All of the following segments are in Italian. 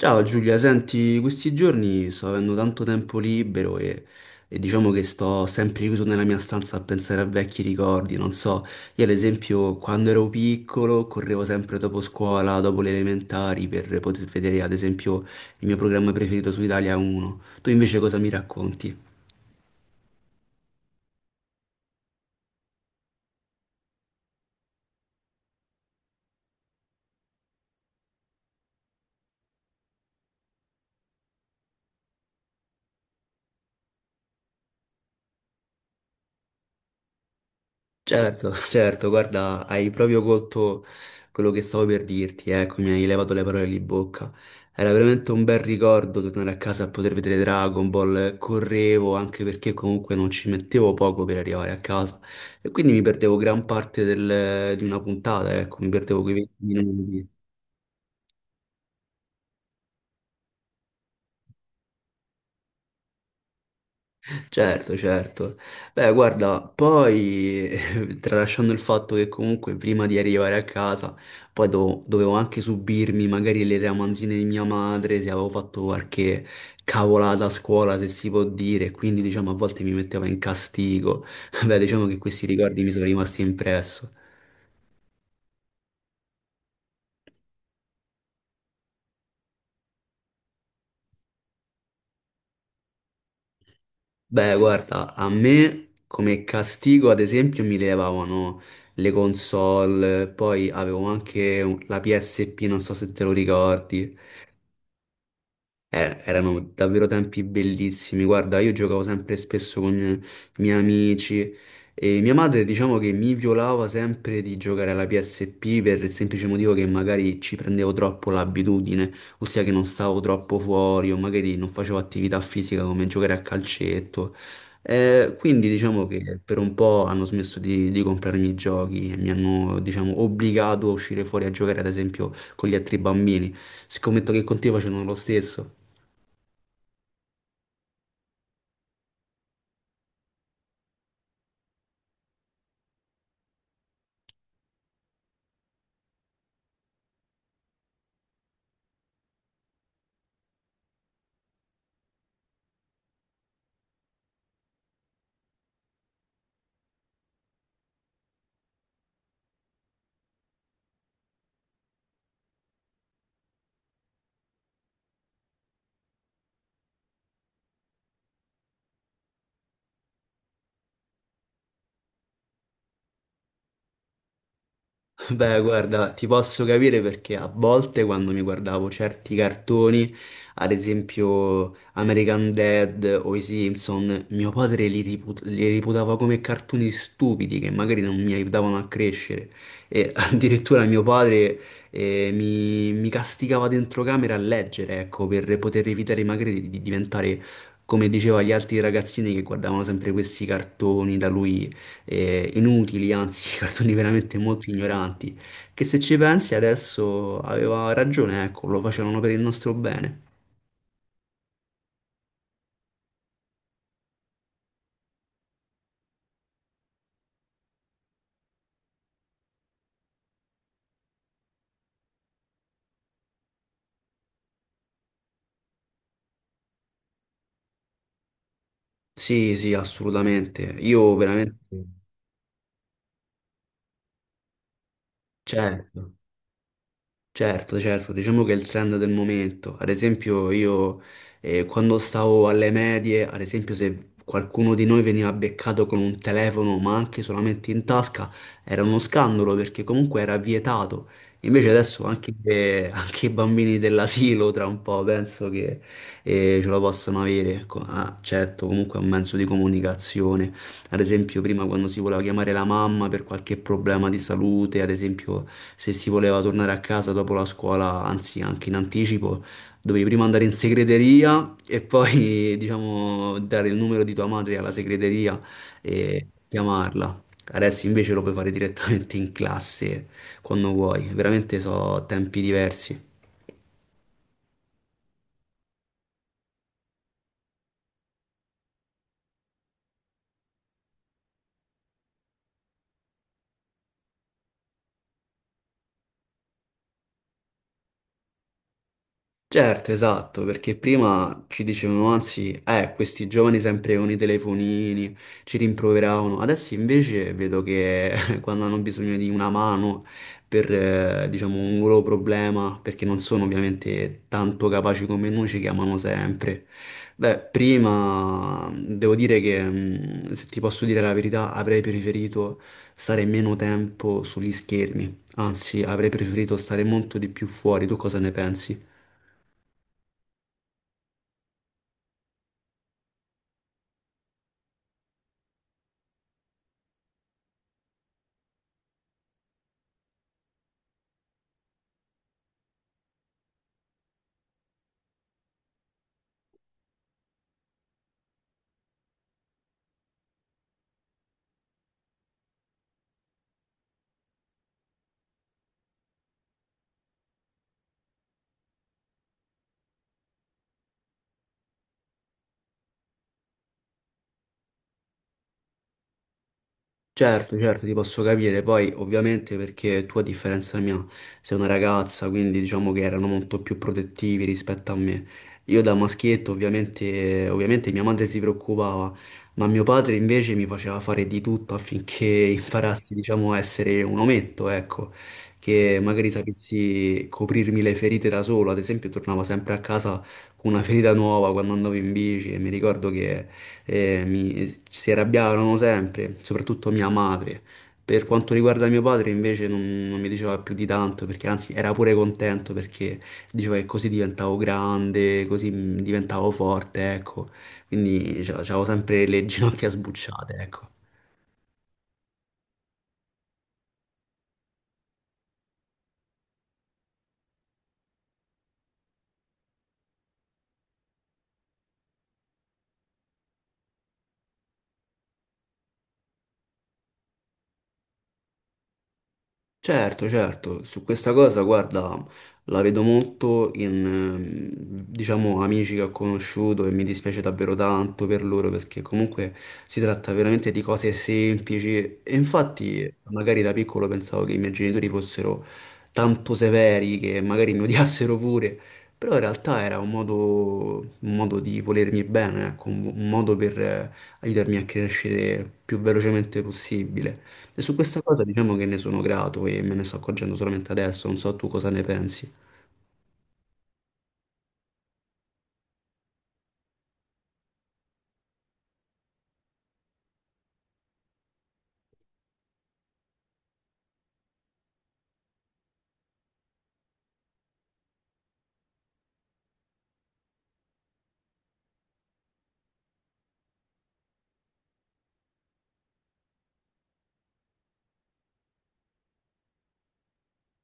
Ciao Giulia, senti, questi giorni sto avendo tanto tempo libero e diciamo che sto sempre chiuso nella mia stanza a pensare a vecchi ricordi, non so, io ad esempio quando ero piccolo correvo sempre dopo scuola, dopo le elementari per poter vedere ad esempio il mio programma preferito su Italia 1. Tu invece cosa mi racconti? Certo, certo, guarda, hai proprio colto quello che stavo per dirti, ecco, mi hai levato le parole di bocca. Era veramente un bel ricordo tornare a casa a poter vedere Dragon Ball, correvo anche perché comunque non ci mettevo poco per arrivare a casa e quindi mi perdevo gran parte di una puntata, ecco, mi perdevo quei 20 minuti. Certo, certo. Beh, guarda, poi tralasciando il fatto che comunque prima di arrivare a casa, poi dovevo anche subirmi magari le ramanzine di mia madre, se avevo fatto qualche cavolata a scuola, se si può dire, quindi diciamo a volte mi metteva in castigo. Beh, diciamo che questi ricordi mi sono rimasti impresso. Beh, guarda, a me come castigo, ad esempio, mi levavano le console, poi avevo anche la PSP, non so se te lo ricordi. Erano davvero tempi bellissimi. Guarda, io giocavo sempre e spesso con i miei amici e mia madre, diciamo che mi violava sempre di giocare alla PSP per il semplice motivo che magari ci prendevo troppo l'abitudine, ossia che non stavo troppo fuori o magari non facevo attività fisica come giocare a calcetto. Quindi diciamo che per un po' hanno smesso di comprarmi i giochi e mi hanno, diciamo, obbligato a uscire fuori a giocare, ad esempio, con gli altri bambini. Scommetto che con te facevano lo stesso. Beh, guarda, ti posso capire perché a volte quando mi guardavo certi cartoni, ad esempio American Dad o i Simpson, mio padre li, li reputava come cartoni stupidi che magari non mi aiutavano a crescere. E addirittura mio padre mi castigava dentro camera a leggere, ecco, per poter evitare magari di diventare come diceva gli altri ragazzini che guardavano sempre questi cartoni da lui inutili, anzi, cartoni veramente molto ignoranti, che se ci pensi adesso aveva ragione, ecco, lo facevano per il nostro bene. Sì, sì, assolutamente. Io veramente, certo. Certo, certo, diciamo che è il trend del momento. Ad esempio, io quando stavo alle medie, ad esempio, se qualcuno di noi veniva beccato con un telefono, ma anche solamente in tasca, era uno scandalo perché comunque era vietato. Invece adesso anche, anche i bambini dell'asilo, tra un po', penso che ce la possano avere. Certo, comunque è un mezzo di comunicazione. Ad esempio, prima quando si voleva chiamare la mamma per qualche problema di salute, ad esempio, se si voleva tornare a casa dopo la scuola, anzi anche in anticipo, dovevi prima andare in segreteria e poi, diciamo, dare il numero di tua madre alla segreteria e chiamarla. Adesso invece lo puoi fare direttamente in classe quando vuoi, veramente so tempi diversi. Certo, esatto, perché prima ci dicevano, anzi, questi giovani sempre con i telefonini, ci rimproveravano. Adesso invece vedo che quando hanno bisogno di una mano per, diciamo, un loro problema, perché non sono ovviamente tanto capaci come noi, ci chiamano sempre. Beh, prima devo dire che, se ti posso dire la verità, avrei preferito stare meno tempo sugli schermi, anzi, avrei preferito stare molto di più fuori. Tu cosa ne pensi? Certo, certo, ti posso capire, poi ovviamente perché tu a differenza mia sei una ragazza, quindi diciamo che erano molto più protettivi rispetto a me. Io da maschietto ovviamente mia madre si preoccupava, ma mio padre invece mi faceva fare di tutto affinché imparassi, diciamo, a essere un ometto, ecco, che magari sapessi coprirmi le ferite da solo, ad esempio tornavo sempre a casa con una ferita nuova quando andavo in bici e mi ricordo che si arrabbiavano sempre, soprattutto mia madre. Per quanto riguarda mio padre, invece, non mi diceva più di tanto, perché anzi era pure contento perché diceva che così diventavo grande, così diventavo forte, ecco. Quindi avevo sempre le ginocchia sbucciate, ecco. Certo, certo, su questa cosa, guarda, la vedo molto in diciamo, amici che ho conosciuto e mi dispiace davvero tanto per loro perché comunque si tratta veramente di cose semplici e infatti magari da piccolo pensavo che i miei genitori fossero tanto severi che magari mi odiassero pure, però in realtà era un modo di volermi bene, ecco, un modo per aiutarmi a crescere più velocemente possibile. E su questa cosa diciamo che ne sono grato e me ne sto accorgendo solamente adesso, non so tu cosa ne pensi.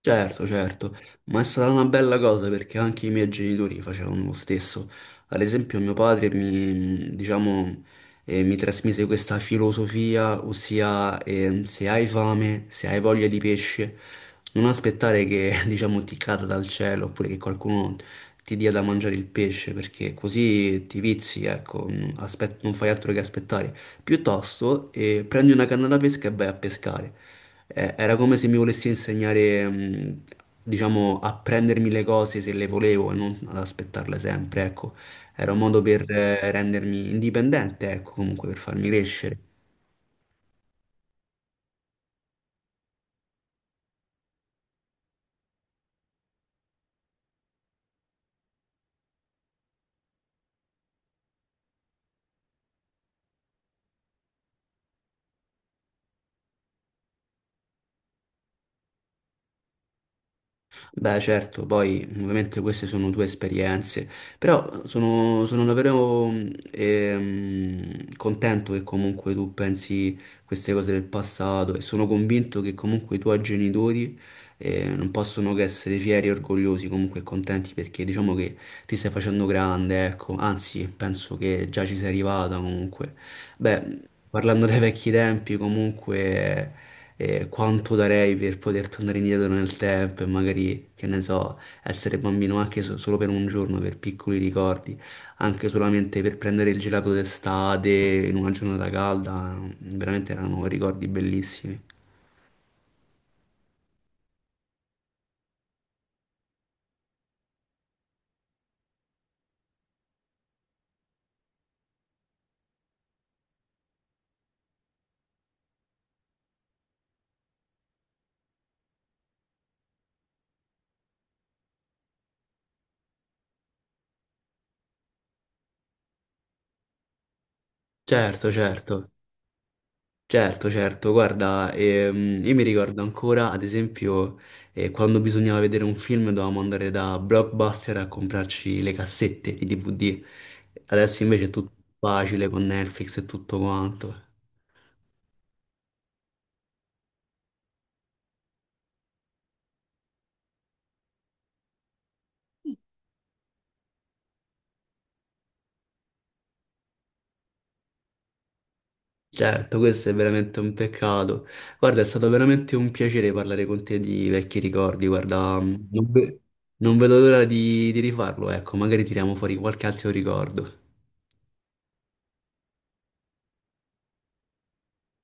Certo, certo, ma è stata una bella cosa perché anche i miei genitori facevano lo stesso. Ad esempio, mio padre mi, diciamo, mi trasmise questa filosofia, ossia, se hai fame, se hai voglia di pesce, non aspettare che, diciamo, ti cada dal cielo oppure che qualcuno ti dia da mangiare il pesce, perché così ti vizi, ecco, non fai altro che aspettare. Piuttosto, prendi una canna da pesca e vai a pescare era come se mi volessi insegnare, diciamo, a prendermi le cose se le volevo e non ad aspettarle sempre, ecco. Era un modo per rendermi indipendente, ecco, comunque per farmi crescere. Beh, certo, poi ovviamente queste sono tue esperienze, però sono davvero contento che comunque tu pensi queste cose del passato e sono convinto che comunque i tuoi genitori non possono che essere fieri, orgogliosi, comunque contenti perché diciamo che ti stai facendo grande, ecco, anzi penso che già ci sei arrivata comunque. Beh, parlando dei vecchi tempi, comunque, quanto darei per poter tornare indietro nel tempo e magari, che ne so, essere bambino anche solo per un giorno, per piccoli ricordi, anche solamente per prendere il gelato d'estate in una giornata calda, veramente erano ricordi bellissimi. Certo, certo. Certo, certo, guarda, io mi ricordo ancora, ad esempio, quando bisognava vedere un film dovevamo andare da Blockbuster a comprarci le cassette di DVD, adesso invece è tutto facile con Netflix e tutto quanto. Certo, questo è veramente un peccato. Guarda, è stato veramente un piacere parlare con te di vecchi ricordi, guarda, non vedo l'ora di rifarlo, ecco, magari tiriamo fuori qualche altro ricordo.